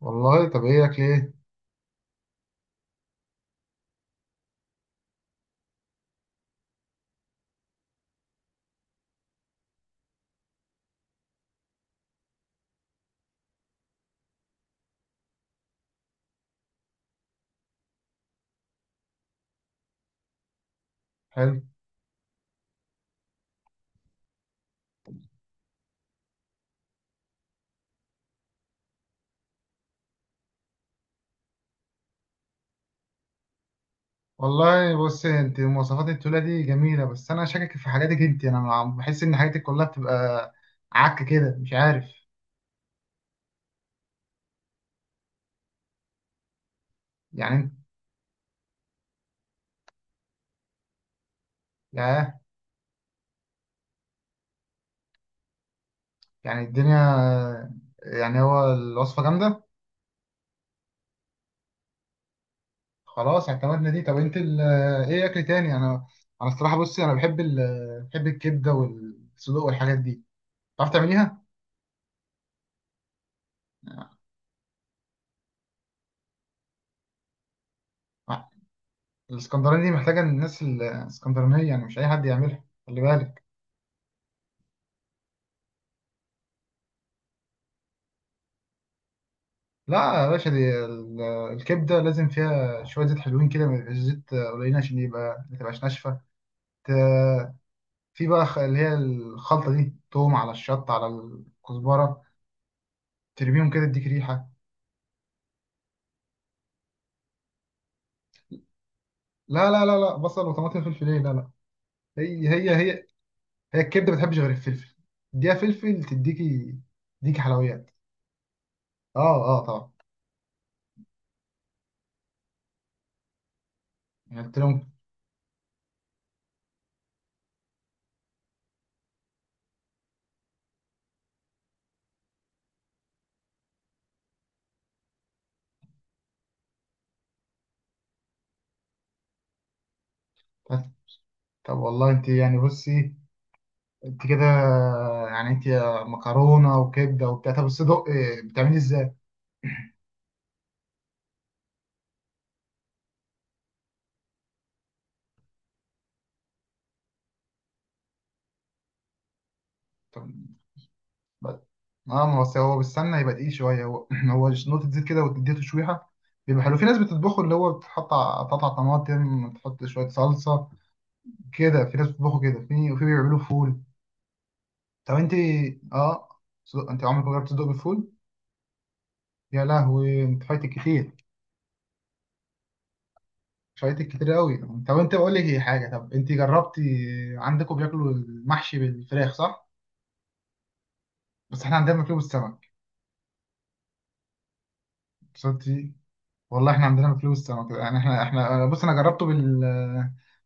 والله طب ايه لك ليه. حلو. والله بص، انت مواصفات التولة دي جميلة، بس انا شاكك في حاجاتك. انت بحس ان حاجاتك كلها بتبقى عك كده، مش عارف. يعني انت. ياه. يعني الدنيا. يعني هو الوصفة جامدة. خلاص اعتمدنا دي. طب انت ايه اكل تاني انا الصراحة بصي، انا بحب الكبدة والصدوق والحاجات دي. تعرف تعمليها؟ آه، الاسكندراني دي محتاجة الناس الاسكندرانية، يعني مش اي حد يعملها، خلي بالك. لا يا باشا، دي الكبدة لازم فيها شوية زيت حلوين كده، ما يبقاش زيت قليلين، عشان يبقى ما تبقاش ناشفة. ت- في بقى اللي هي الخلطة دي، توم على الشطة على الكزبرة، ترميهم كده تديك ريحة. لا، بصل وطماطم فلفل ايه، لا لا. هي هي الكبدة ما بتحبش غير الفلفل. اديها فلفل تديكي، تديكي حلويات. اه اه، طبعا. يعني قلت لهم. طب طب والله انت، يعني بصي، انت كده، يعني انت مكرونة وكبدة وبتاع. طب الصدق إيه، بتعملي ازاي؟ طب- بس- اه، ما هو أصل هو بالسمنه يبقى تقيل شويه. هو هو نقطه زيت كده وتديه تشويحه، بيبقى حلو. في ناس بتطبخه، اللي هو بتحط قطع طماطم، تحط شويه صلصه كده. في ناس بتطبخه كده، وفي بيعملوه فول. طب انت. اه. صدق انت عمرك ما جربت تصدق بالفول؟ يا لهوي، انت فايتك كتير. فايتك كتير قوي. طب انت بقول لك ايه حاجه، طب انت جربتي؟ عندكم بياكلوا المحشي بالفراخ، صح؟ بس احنا عندنا بناكله بالسمك. بس انت. والله احنا عندنا فلوس سمك. يعني احنا بص، انا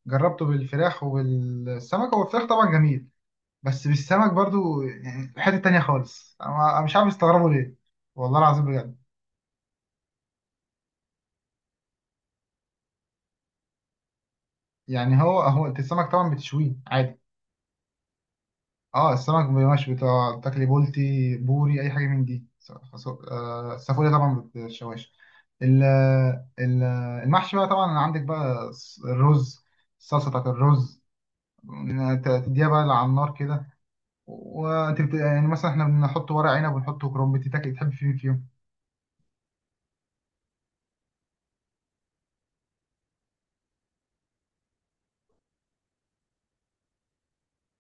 جربته بالفراخ وبالسمك. هو الفراخ طبعا جميل، بس بالسمك برضو يعني حتة تانية خالص. أنا مش عارف استغربه ليه. والله العظيم بجد. يعني هو انت السمك طبعا بتشويه عادي. اه، السمك مش بتاع تاكلي بولتي، بوري، اي حاجة من دي. السافوري طبعا بتشواش. ال- ال- المحشي بقى طبعا عندك بقى الرز، الصلصة بتاعت الرز. تديها بقى على النار كده، يعني مثلا احنا بنحط ورق عنب ونحط كرنب. انت تاكل تحب في مين فيهم؟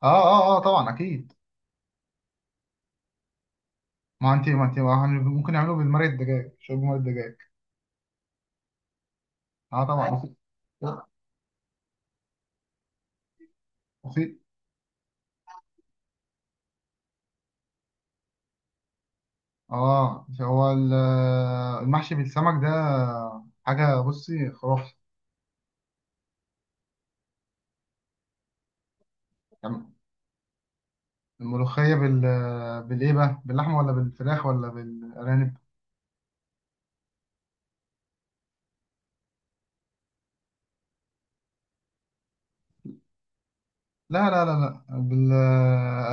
اه اه اه طبعا، اكيد. ما انت ما انت ما هن- ممكن نعمله بالمرق، الدجاج، شرب مرق الدجاج. اه طبعا. وفي، وفي. اه هو المحشي بالسمك ده حاجه، بصي، خرافه. يعني الملوخيه بالايه بقى، باللحمه ولا بالفراخ ولا بالارانب؟ لا،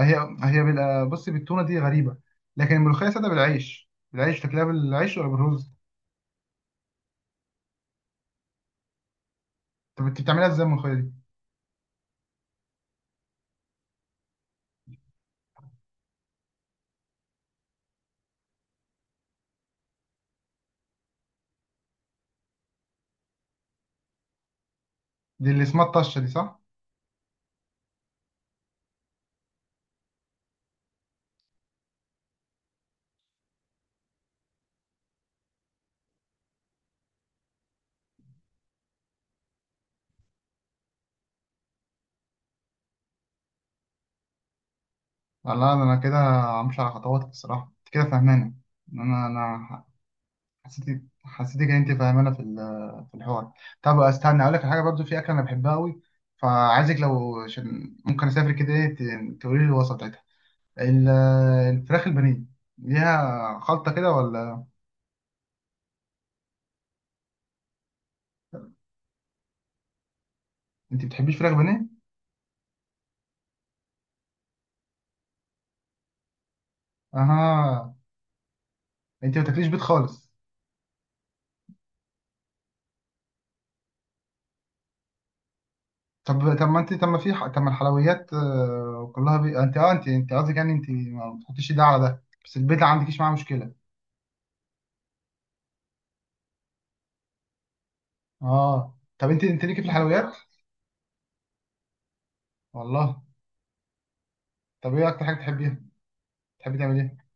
هي هي بصي، بالتونه دي غريبه. لكن الملوخيه ساده بالعيش تاكلها، بالعيش ولا بالرز؟ طب انت بتعملها ازاي الملوخية دي؟ دي اللي اسمها الطشة دي، صح؟ لا لا، ده انا كده همشي على خطواتك. الصراحة انت كده فاهمانة. انا حسيتك، ان انت فاهمانة في الحوار. طب استنى اقول لك على حاجة. برضو في اكلة انا بحبها قوي، فعايزك، لو عشان ممكن اسافر كده، ايه، تقولي لي الوصفة بتاعتها. ال- الفراخ البانيه ليها خلطة كده، ولا؟ انت بتحبيش فراخ بانيه؟ اها، انت ما بتاكليش بيض خالص؟ طب طب، ما انت، طب ما في طب ما الحلويات كلها انت اه، انت قصدك يعني انت ما بتحطيش ده على ده، بس البيت ما عندكيش معاه مشكله. اه. طب انت، ليكي في الحلويات؟ والله. طب ايه اكتر حاجه بتحبيها؟ بتحبي تعملي ايه؟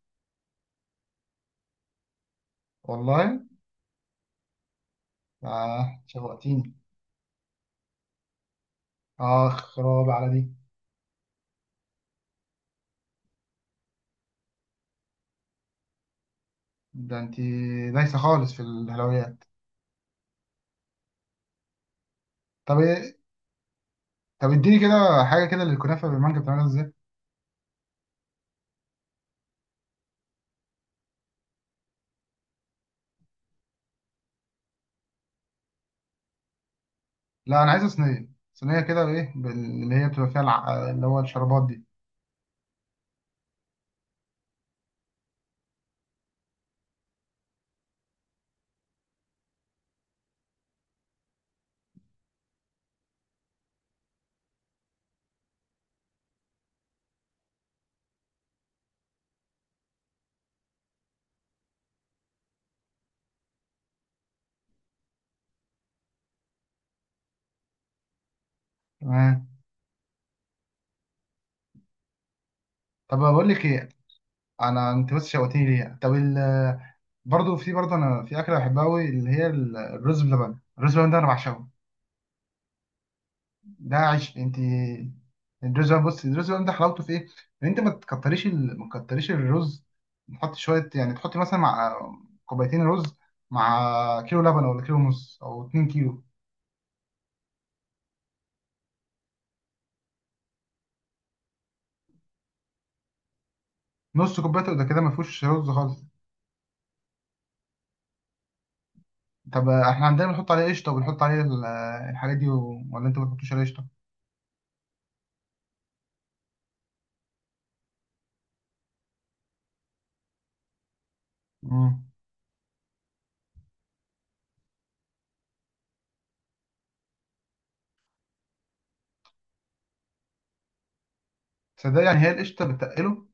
والله اه، شوقتيني. اه، خراب على دي. ده انت دايسه خالص في الحلويات. طب ايه، طب اديني كده حاجه كده للكنافه بالمانجا، بتعملها ازاي؟ لا، انا عايزه صينيه. صينيه كده، ايه، اللي هي بتبقى فيها اللي هو الشربات دي. تمام. طب بقول لك ايه. انت بس شوقتني ليها. طب برضه في، برضه انا في اكله بحبها قوي، اللي هي الرز بلبن. الرز بلبن ده انا بعشقه. ده عيش، انت. الرز بلبن، بص، الرز بلبن ده حلاوته في ايه؟ ان انت ما تكتريش الرز، تحط شويه، يعني تحط مثلا مع كوبايتين رز، مع كيلو لبن، ولا كيلو ونص، او 2 كيلو. نص كوبايه ده كده ما فيهوش رز خالص. طب احنا عندنا بنحط عليه قشطه، وبنحط عليه الحاجات دي ولا انت ما بتحطوش عليه قشطه؟ امم. صدق؟ يعني هي القشطه بتقله؟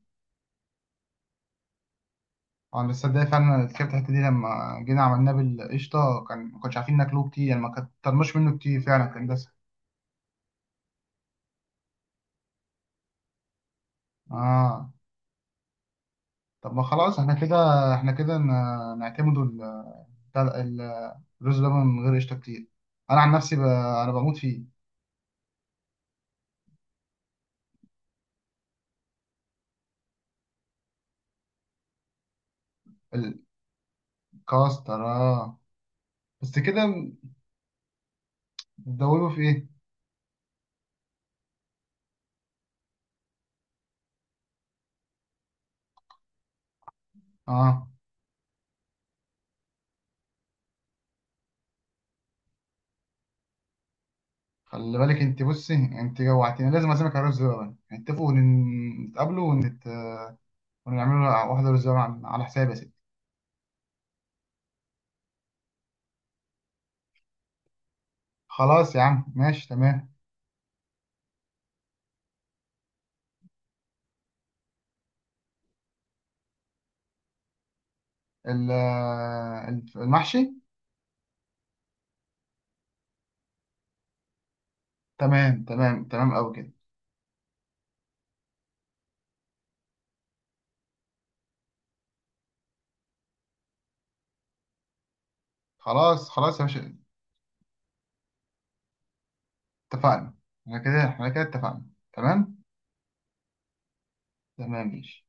اه، بس صدق فعلا، الكبت الحته دي، لما جينا عملناه بالقشطه كان ما كناش عارفين ناكله كتير، يعني ما كترناش منه كتير، فعلا كان دسم. اه. طب ما خلاص احنا كده، احنا كده نعتمدوا بتاع ال- الرز ده من غير قشطه كتير. انا عن نفسي انا بموت فيه. الكاستر، اه. بس كده؟ بتدوبه في ايه؟ اه. خلي بالك انت، بصي، انت جوعتيني، لازم اعزمك على رز بلبن. نتفقوا نتقابلوا ونعملوا واحده رز بلبن على حسابي يا ستي. خلاص يا عم، ماشي، تمام. ال- المحشي. تمام تمام تمام، أوي كده. خلاص خلاص يا باشا. اتفقنا. احنا كده، اتفقنا. تمام. تمام ماشي.